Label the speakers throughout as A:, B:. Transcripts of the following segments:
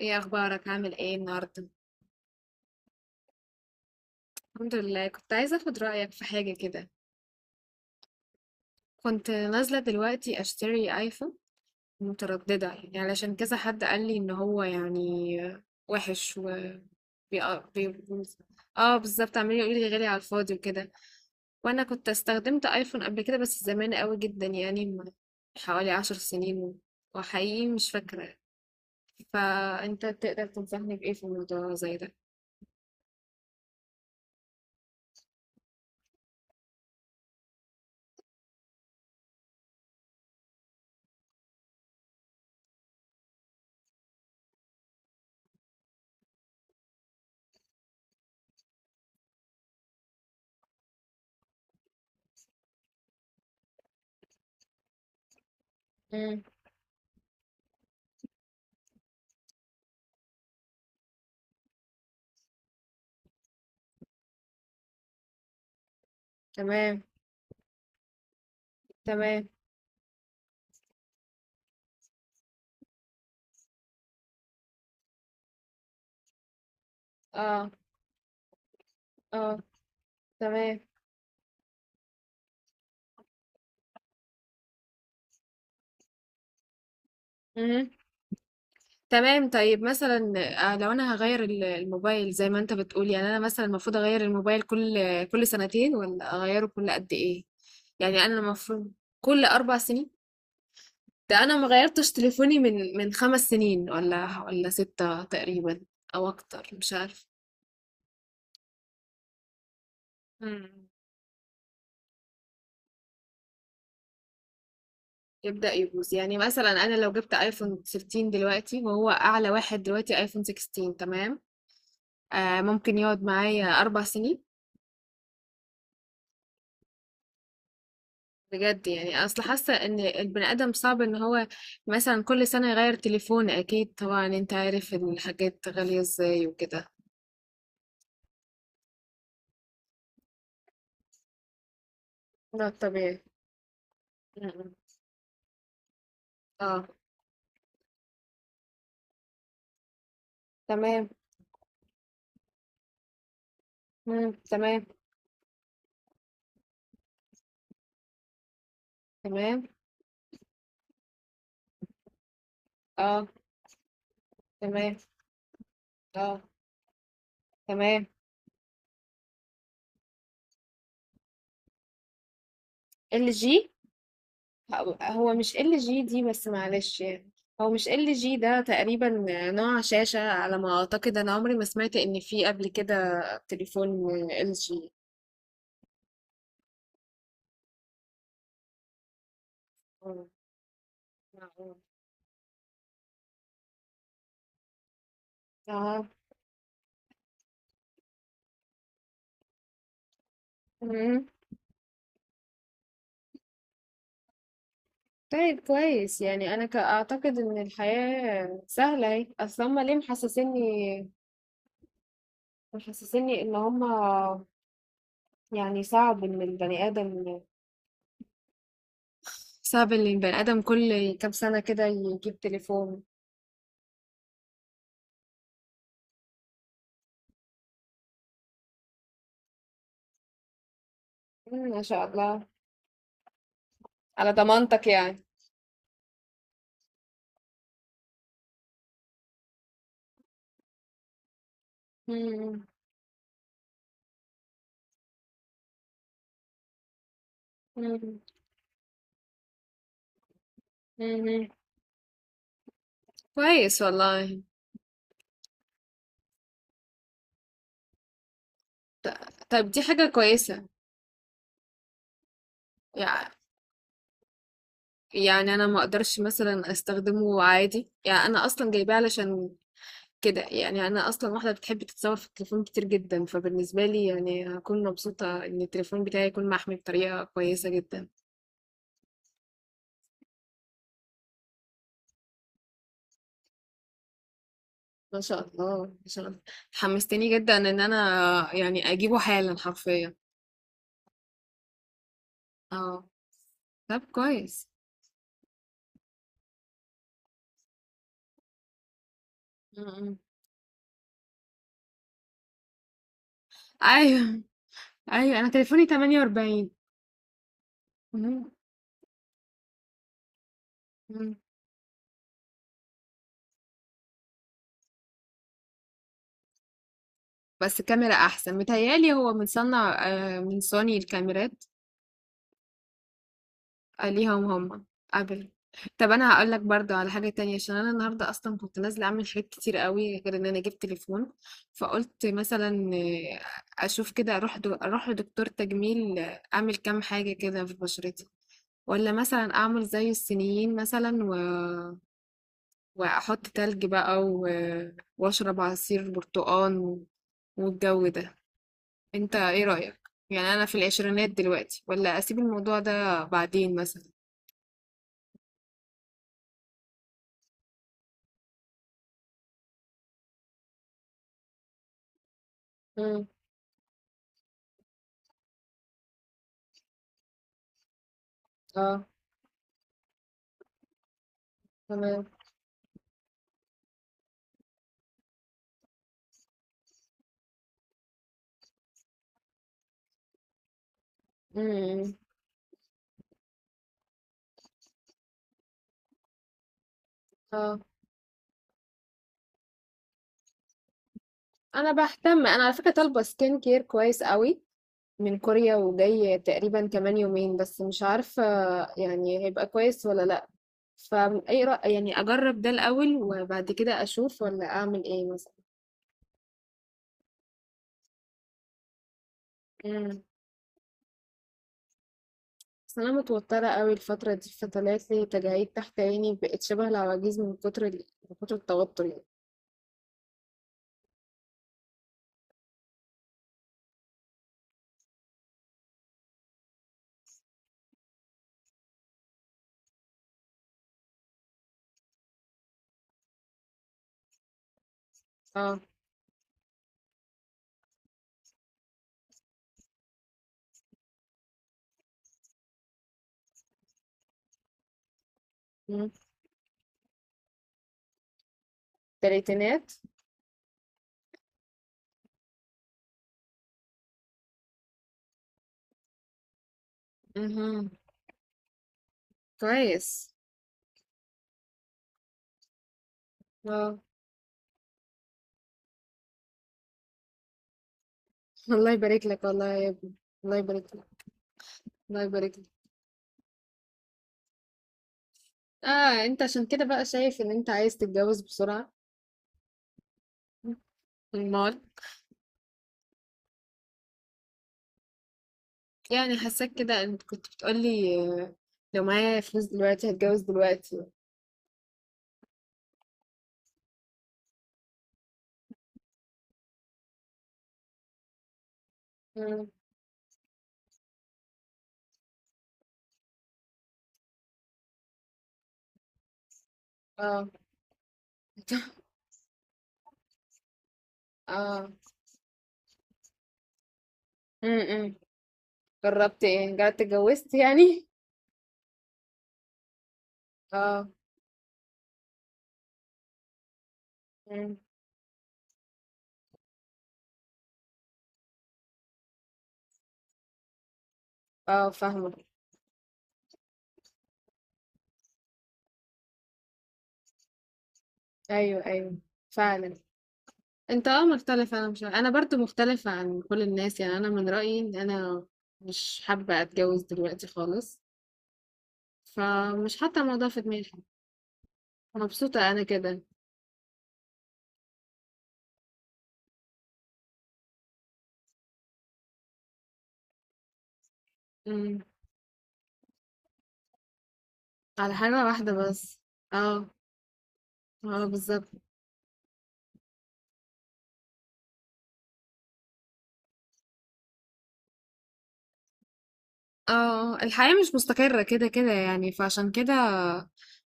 A: ايه اخبارك عامل ايه النهارده؟ الحمد لله، كنت عايزه اخد رايك في حاجه كده. كنت نازله دلوقتي اشتري ايفون. متردده يعني، علشان كذا حد قال لي ان هو يعني وحش. و بي... آه، بي... اه، بالظبط، عمال يقول لي غالي على الفاضي وكده. وانا كنت استخدمت ايفون قبل كده، بس زمان قوي جدا، يعني من حوالي عشر سنين. وحقيقي مش فاكره. فانت تقدر تنصحني بايه في الموضوع زي ده؟ امم. تمام. تمام. اه. اه. تمام. مهم. تمام، طيب مثلا. لو انا هغير الموبايل زي ما انت بتقول، يعني انا مثلا المفروض اغير الموبايل كل سنتين ولا اغيره كل قد ايه؟ يعني انا المفروض. كل اربع سنين. ده انا ما غيرتش تليفوني من خمس سنين ولا ستة تقريبا، او اكتر مش عارف. مم. يبدأ يبوظ، يعني مثلا انا لو جبت ايفون 13 دلوقتي، وهو اعلى واحد دلوقتي ايفون 16، تمام. آه، ممكن يقعد معايا اربع سنين؟ بجد؟ يعني اصل حاسه ان البني ادم صعب ان هو مثلا كل سنه يغير تليفون، اكيد طبعا انت عارف إن الحاجات غاليه ازاي وكده. ده طبيعي. م-م. اه. تمام. مم. تمام. تمام. اه. تمام. اه. تمام. ال جي. هو مش ال جي دي، بس معلش يعني، هو مش ال جي ده تقريبا. نوع شاشه، على ما اعتقد، انا عمري ما سمعت ان في قبل كده تليفون ال جي. اه. مم. طيب كويس، يعني انا اعتقد ان الحياة سهلة اهي. اصل هما ليه محسسيني ان هما، يعني صعب ان البني ادم، صعب ان البني ادم كل كام سنة كده يجيب تليفون. مم، ما شاء الله. على ضمانتك يعني. مم، مم، مم. كويس والله. طيب، دي حاجة كويسة. يع- يعني انا ما اقدرش مثلا استخدمه عادي، يعني انا اصلا جايباه علشان كده، يعني انا اصلا واحده بتحب تتصور في التليفون كتير جدا، فبالنسبه لي يعني هكون مبسوطه ان التليفون بتاعي يكون محمي بطريقه كويسه جدا. ما شاء الله، ما شاء الله. حمستني جدا ان انا يعني اجيبه حالا حرفيا. اه. طب كويس. م- م. ايوه، ايوه، انا تليفوني 48. م- م. بس الكاميرا احسن، متهيالي هو من صنع من سوني الكاميرات. آه، ليهم هم. قبل. طب انا هقول لك برضو على حاجه تانية، عشان انا النهارده اصلا كنت نازله اعمل حاجات كتير قوي غير ان انا جبت تليفون. فقلت مثلا اشوف كده، اروح لدكتور تجميل، اعمل كام حاجه كده في بشرتي. ولا مثلا اعمل زي الصينيين مثلا، واحط تلج بقى، واشرب عصير برتقال، والجو ده. انت ايه رايك؟ يعني انا في العشرينات دلوقتي، ولا اسيب الموضوع ده بعدين مثلا؟ امم. اه. تمام. امم. اه. انا بهتم، انا على فكره طالبه سكين كير كويس قوي من كوريا، وجاي تقريبا كمان يومين. بس مش عارفه يعني هيبقى كويس ولا لا، فاي رأي يعني؟ اجرب ده الاول وبعد كده اشوف، ولا اعمل ايه مثلا؟ امم. بس انا متوتره قوي الفتره دي، فطلعت لي تجاعيد تحت عيني بقت شبه العواجيز من كتر من كتر التوتر يعني. اه. امم. تلاتينات. امم. كويس. اه. الله يبارك لك، والله يا ابني. الله يبارك لك. الله يبارك لك. اه، انت عشان كده بقى شايف ان انت عايز تتجوز بسرعة؟ المال. يعني حاساك كده، انت كنت بتقولي آه، لو معايا فلوس دلوقتي هتجوز دلوقتي. مم. اه. اه. امم. جربت ايه؟ جربت اتجوزت يعني؟ اه. مم. اه. فاهمة. ايوه، ايوه، فعلا. انت مختلف، انا مش انا برضو مختلفة عن كل الناس، يعني انا من رأيي ان انا مش حابة اتجوز دلوقتي خالص، فمش حاطة الموضوع في دماغي، مبسوطة انا كده. إمم. على حاجة واحدة بس. آه. آه، بالضبط. آه، الحياة مش مستقرة كده، كده يعني، فعشان كده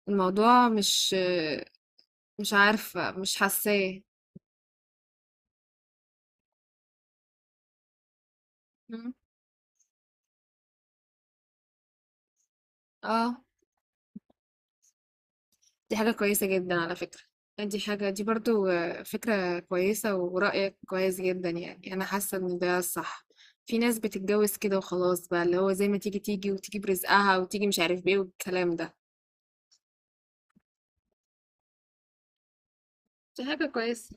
A: الموضوع مش، مش عارفة، مش حاساه. إمم. آه، دي حاجة كويسة جدًا، على فكرة. دي حاجة، دي برضه فكرة كويسة، ورأيك كويس جدًا يعني، أنا حاسة إن ده الصح. في ناس بتتجوز كده وخلاص بقى، اللي هو زي ما تيجي، تيجي، وتيجي برزقها، وتيجي مش عارف بإيه والكلام ده. دي حاجة كويسة.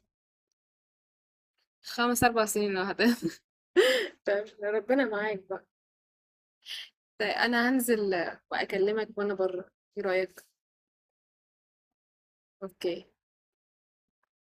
A: 5، 4 سنين لوحدها. طب ربنا معاك بقى. ده أنا هانزل وأكلمك وأنا برّه. إيه رأيك؟ أوكي.